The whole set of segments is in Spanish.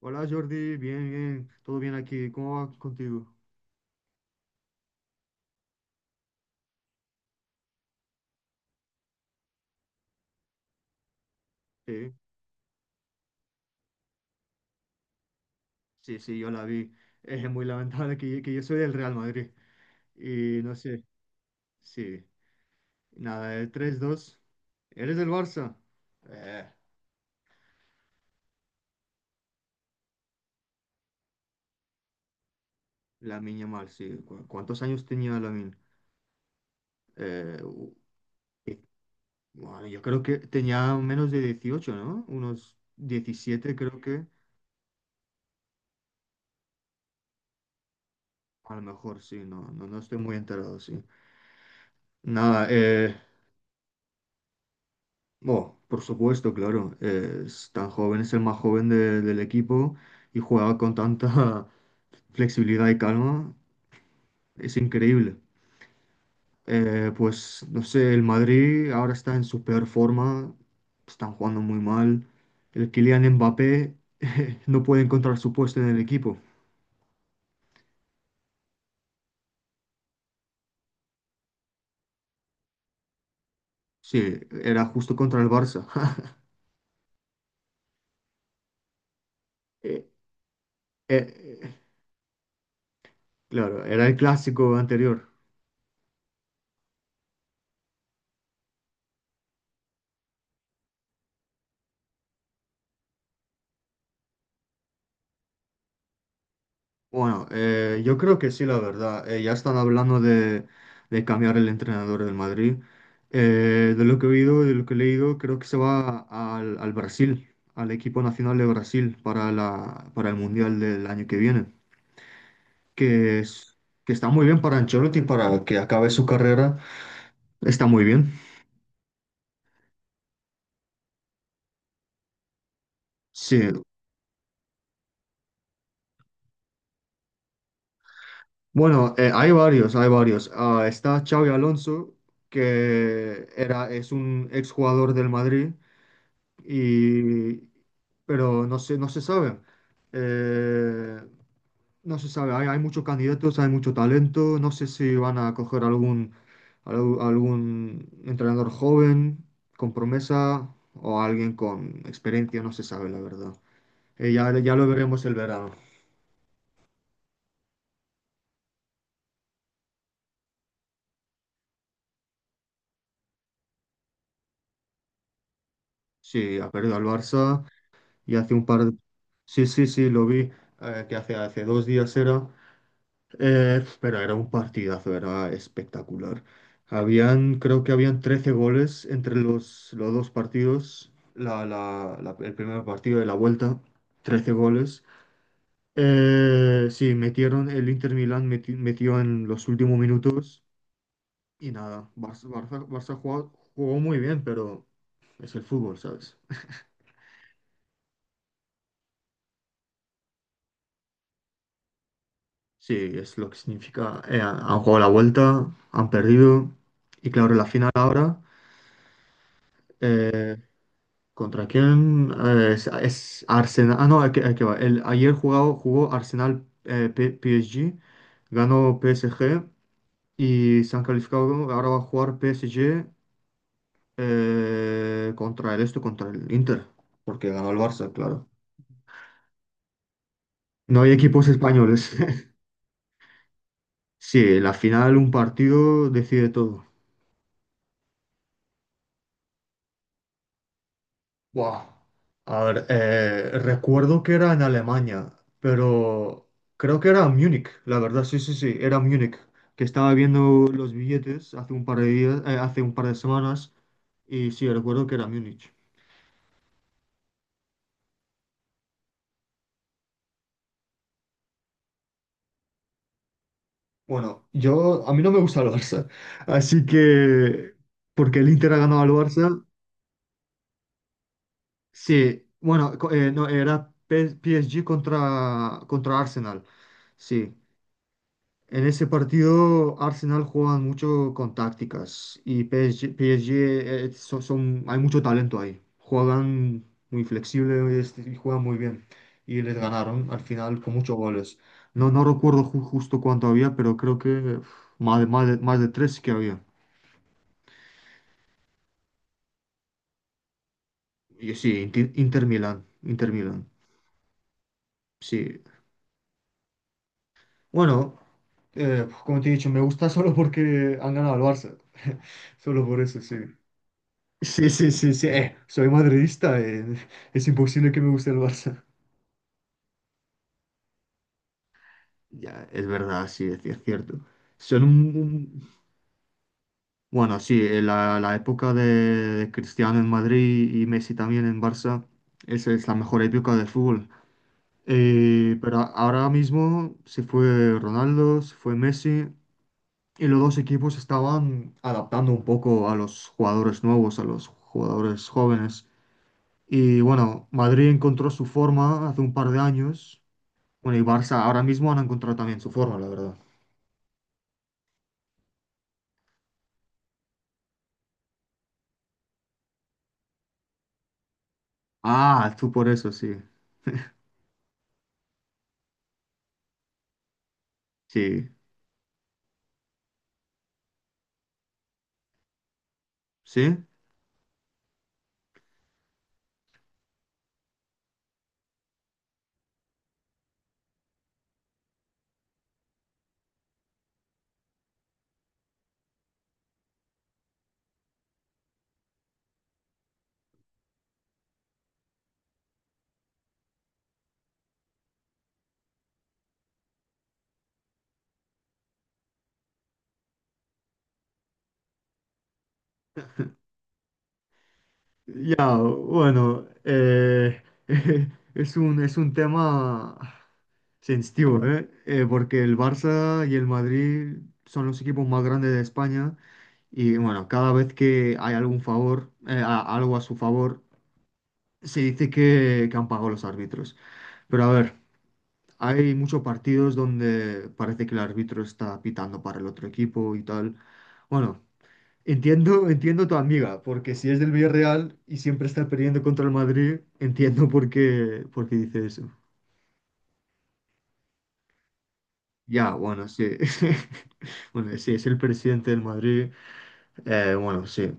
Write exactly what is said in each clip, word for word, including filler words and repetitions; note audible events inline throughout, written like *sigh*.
Hola Jordi, bien, bien, todo bien aquí, ¿cómo va contigo? Sí, sí, sí, yo la vi. Es muy lamentable que, yo- que yo soy del Real Madrid y no sé, sí, nada, el tres dos. ¿Eres del Barça? Eh, Lamine mal, sí. ¿Cu- ¿Cuántos años tenía Lamine? Eh, u- bueno, yo creo que tenía menos de dieciocho, ¿no? Unos diecisiete creo que, a lo mejor sí, no, no, no estoy muy enterado, sí. Nada. eh, Oh, por supuesto, claro. eh, Es tan joven, es el más joven de- del equipo y juega con tanta *laughs* flexibilidad y calma. Es increíble. Eh, pues no sé, el Madrid ahora está en su peor forma. Están jugando muy mal. El Kylian Mbappé *laughs* no puede encontrar su puesto en el equipo. Sí, era justo contra el Barça. *laughs* Eh, eh, eh, claro, era el clásico anterior. Bueno, eh, yo creo que sí, la verdad. Eh, ya están hablando de, de cambiar el entrenador del Madrid. Eh, de lo que he oído y de lo que he leído, creo que se va al, al Brasil, al equipo nacional de Brasil para la, para el Mundial del año que viene. Que es, que está muy bien para Ancelotti, para que acabe su carrera. Está muy bien. Sí. Bueno, eh, hay varios, hay varios. Ah, está Xavi Alonso, que era, es un exjugador del Madrid. Y, pero no se, no se sabe. Eh, no se sabe, hay, hay muchos candidatos, hay mucho talento, no sé si van a coger algún, algú- algún entrenador joven con promesa o alguien con experiencia, no se sabe la verdad. Eh, ya, ya lo veremos el verano. Sí, ha perdido al Barça y hace un par de... Sí, sí, sí, lo vi, eh, que hace, hace dos días era. Eh, pero era un partidazo, era espectacular. Habían, creo que habían trece goles entre los, los dos partidos, la- la- la- el primer partido de la vuelta, trece goles. Eh, sí, metieron, el Inter Milán meti- metió en los últimos minutos y nada, Barça, Barça, Barça jugó, jugó muy bien, pero es el fútbol, ¿sabes? Sí, es lo que significa. Eh, han jugado la vuelta, han perdido y claro, la final ahora. eh, ¿Contra quién? Eh, es, es Arsenal. Ah, no, aquí, aquí va. El, ayer jugado, jugó Arsenal, eh, P- PSG, ganó P S G y se han calificado, ¿no? Ahora va a jugar P PSG, eh, contra el esto, contra el Inter, porque ganó el Barça, claro. No hay equipos españoles. *laughs* Sí, en la final un partido decide todo. Buah. A ver, eh, recuerdo que era en Alemania, pero creo que era en Múnich, la verdad, sí, sí, sí, era en Múnich, que estaba viendo los billetes hace un par de días, eh, hace un par de semanas, y sí, recuerdo que era en Múnich. Bueno, yo, a mí no me gusta el Barça, así que, porque el Inter ha ganado al Barça, sí, bueno, co- eh, no, era P- S. G. contra, contra Arsenal, sí. En ese partido, Arsenal juegan mucho con tácticas y P S G, P S G, eh, eh, son, son- hay mucho talento ahí. Juegan muy flexible este, y juegan muy bien. Y les ganaron al final con muchos goles. No, no recuerdo ju- justo cuánto había, pero creo que uf, más de, más de, más de tres que había. Y sí, Inti- Inter Milán, Inter Milán, sí. Bueno, eh, como te he dicho, me gusta *laughs* solo porque han ganado al Barça. *laughs* Solo por eso, sí. Sí, sí, sí, sí. Eh, soy madridista. eh, Es imposible que me guste el Barça. Ya, es verdad, sí, es, es cierto. Son un, un- Bueno, sí, eh, la, la época de Cristiano en Madrid y Messi también en Barça, esa es la mejor época del fútbol. Eh, pero a- ahora mismo se fue Ronaldo, se fue Messi, y los dos equipos estaban adaptando un poco a los jugadores nuevos, a los jugadores jóvenes. Y bueno, Madrid encontró su forma hace un par de años. Bueno, y Barça ahora mismo han encontrado también su forma, la verdad. Ah, tú por eso, sí. Sí. ¿Sí? Ya, bueno, eh, *laughs* es un, es un tema sensitivo, ¿eh? Eh, porque el Barça y el Madrid son los equipos más grandes de España y bueno, cada vez que hay algún favor, eh, a- algo a su favor, se dice que, que han pagado los árbitros. Pero a ver. Hay muchos partidos donde parece que el árbitro está pitando para el otro equipo y tal. Bueno, entiendo, *laughs* entiendo tu amiga, porque si es del Villarreal y siempre está perdiendo contra el Madrid, entiendo por qué, por qué dice eso. Ya, bueno, sí. *laughs* Bueno, sí, es el presidente del Madrid. Eh, bueno, sí.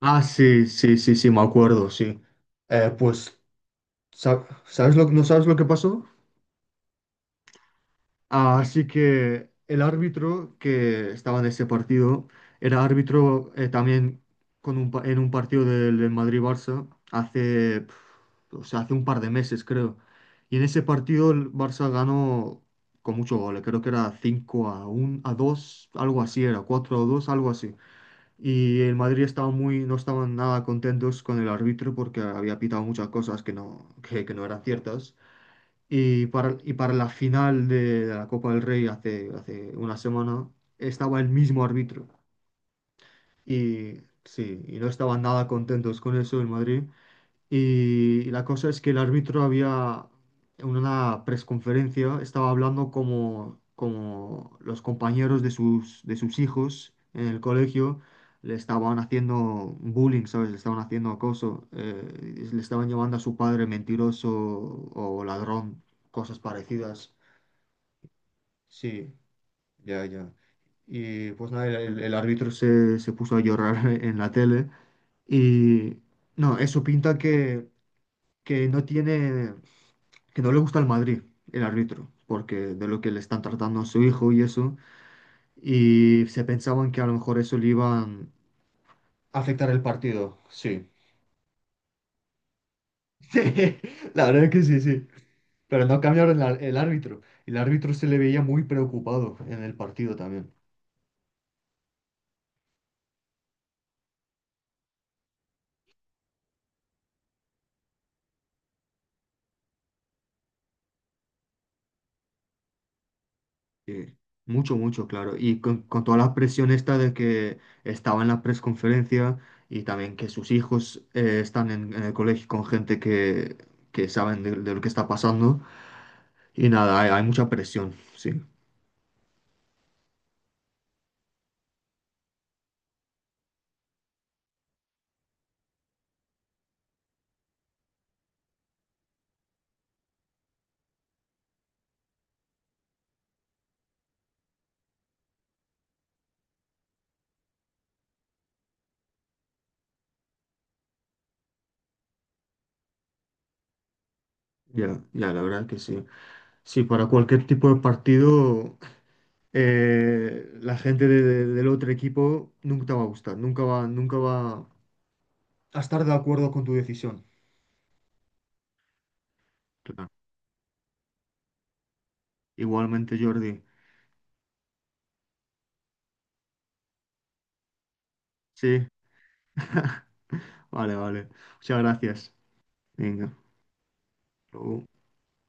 Ah, sí, sí, sí, sí, me acuerdo, sí. Eh, pues, sa- ¿sabes lo, no sabes lo que pasó? Así que el árbitro que estaba en ese partido era árbitro eh, también, con un pa- en un partido del, del Madrid-Barça hace, pf, o sea, hace un par de meses, creo. Y en ese partido el Barça ganó con mucho gol, creo que era cinco a uno, a dos algo así era, cuatro a dos algo así. Y el Madrid estaba muy, no estaban nada contentos con el árbitro porque había pitado muchas cosas que no, que que no eran ciertas. Y para, y para la final de, de la Copa del Rey hace, hace una semana estaba el mismo árbitro. Y sí, y no estaban nada contentos con eso en Madrid. Y la cosa es que el árbitro había, en una presconferencia, estaba hablando como, como los compañeros de sus, de sus hijos en el colegio le estaban haciendo bullying, ¿sabes? Le estaban haciendo acoso, eh, le estaban llamando a su padre mentiroso o ladrón, cosas parecidas. Sí, ya, ya. Y pues nada, el, el- el árbitro se, se puso a llorar *laughs* en la tele y no, eso pinta que, que no tiene que no le gusta el Madrid, el árbitro, porque de lo que le están tratando a su hijo y eso, y se pensaban que a lo mejor eso le iban a afectar el partido, sí. *laughs* Sí, la verdad es que sí, sí. Pero no cambiaron el, ar- el árbitro. El árbitro se le veía muy preocupado en el partido también. Sí, mucho, mucho, claro. Y con, con toda la presión esta de que estaba en la presconferencia y también que sus hijos eh, están en, en el colegio con gente que, que saben de de lo que está pasando. Y nada, hay, hay mucha presión, sí. Ya, ya, la verdad que sí. Sí, para cualquier tipo de partido, eh, la gente de- de- del otro equipo nunca te va a gustar, nunca va, nunca va a estar de acuerdo con tu decisión. Claro. Igualmente, Jordi. Sí, *laughs* vale, vale. Muchas gracias. Venga. luego.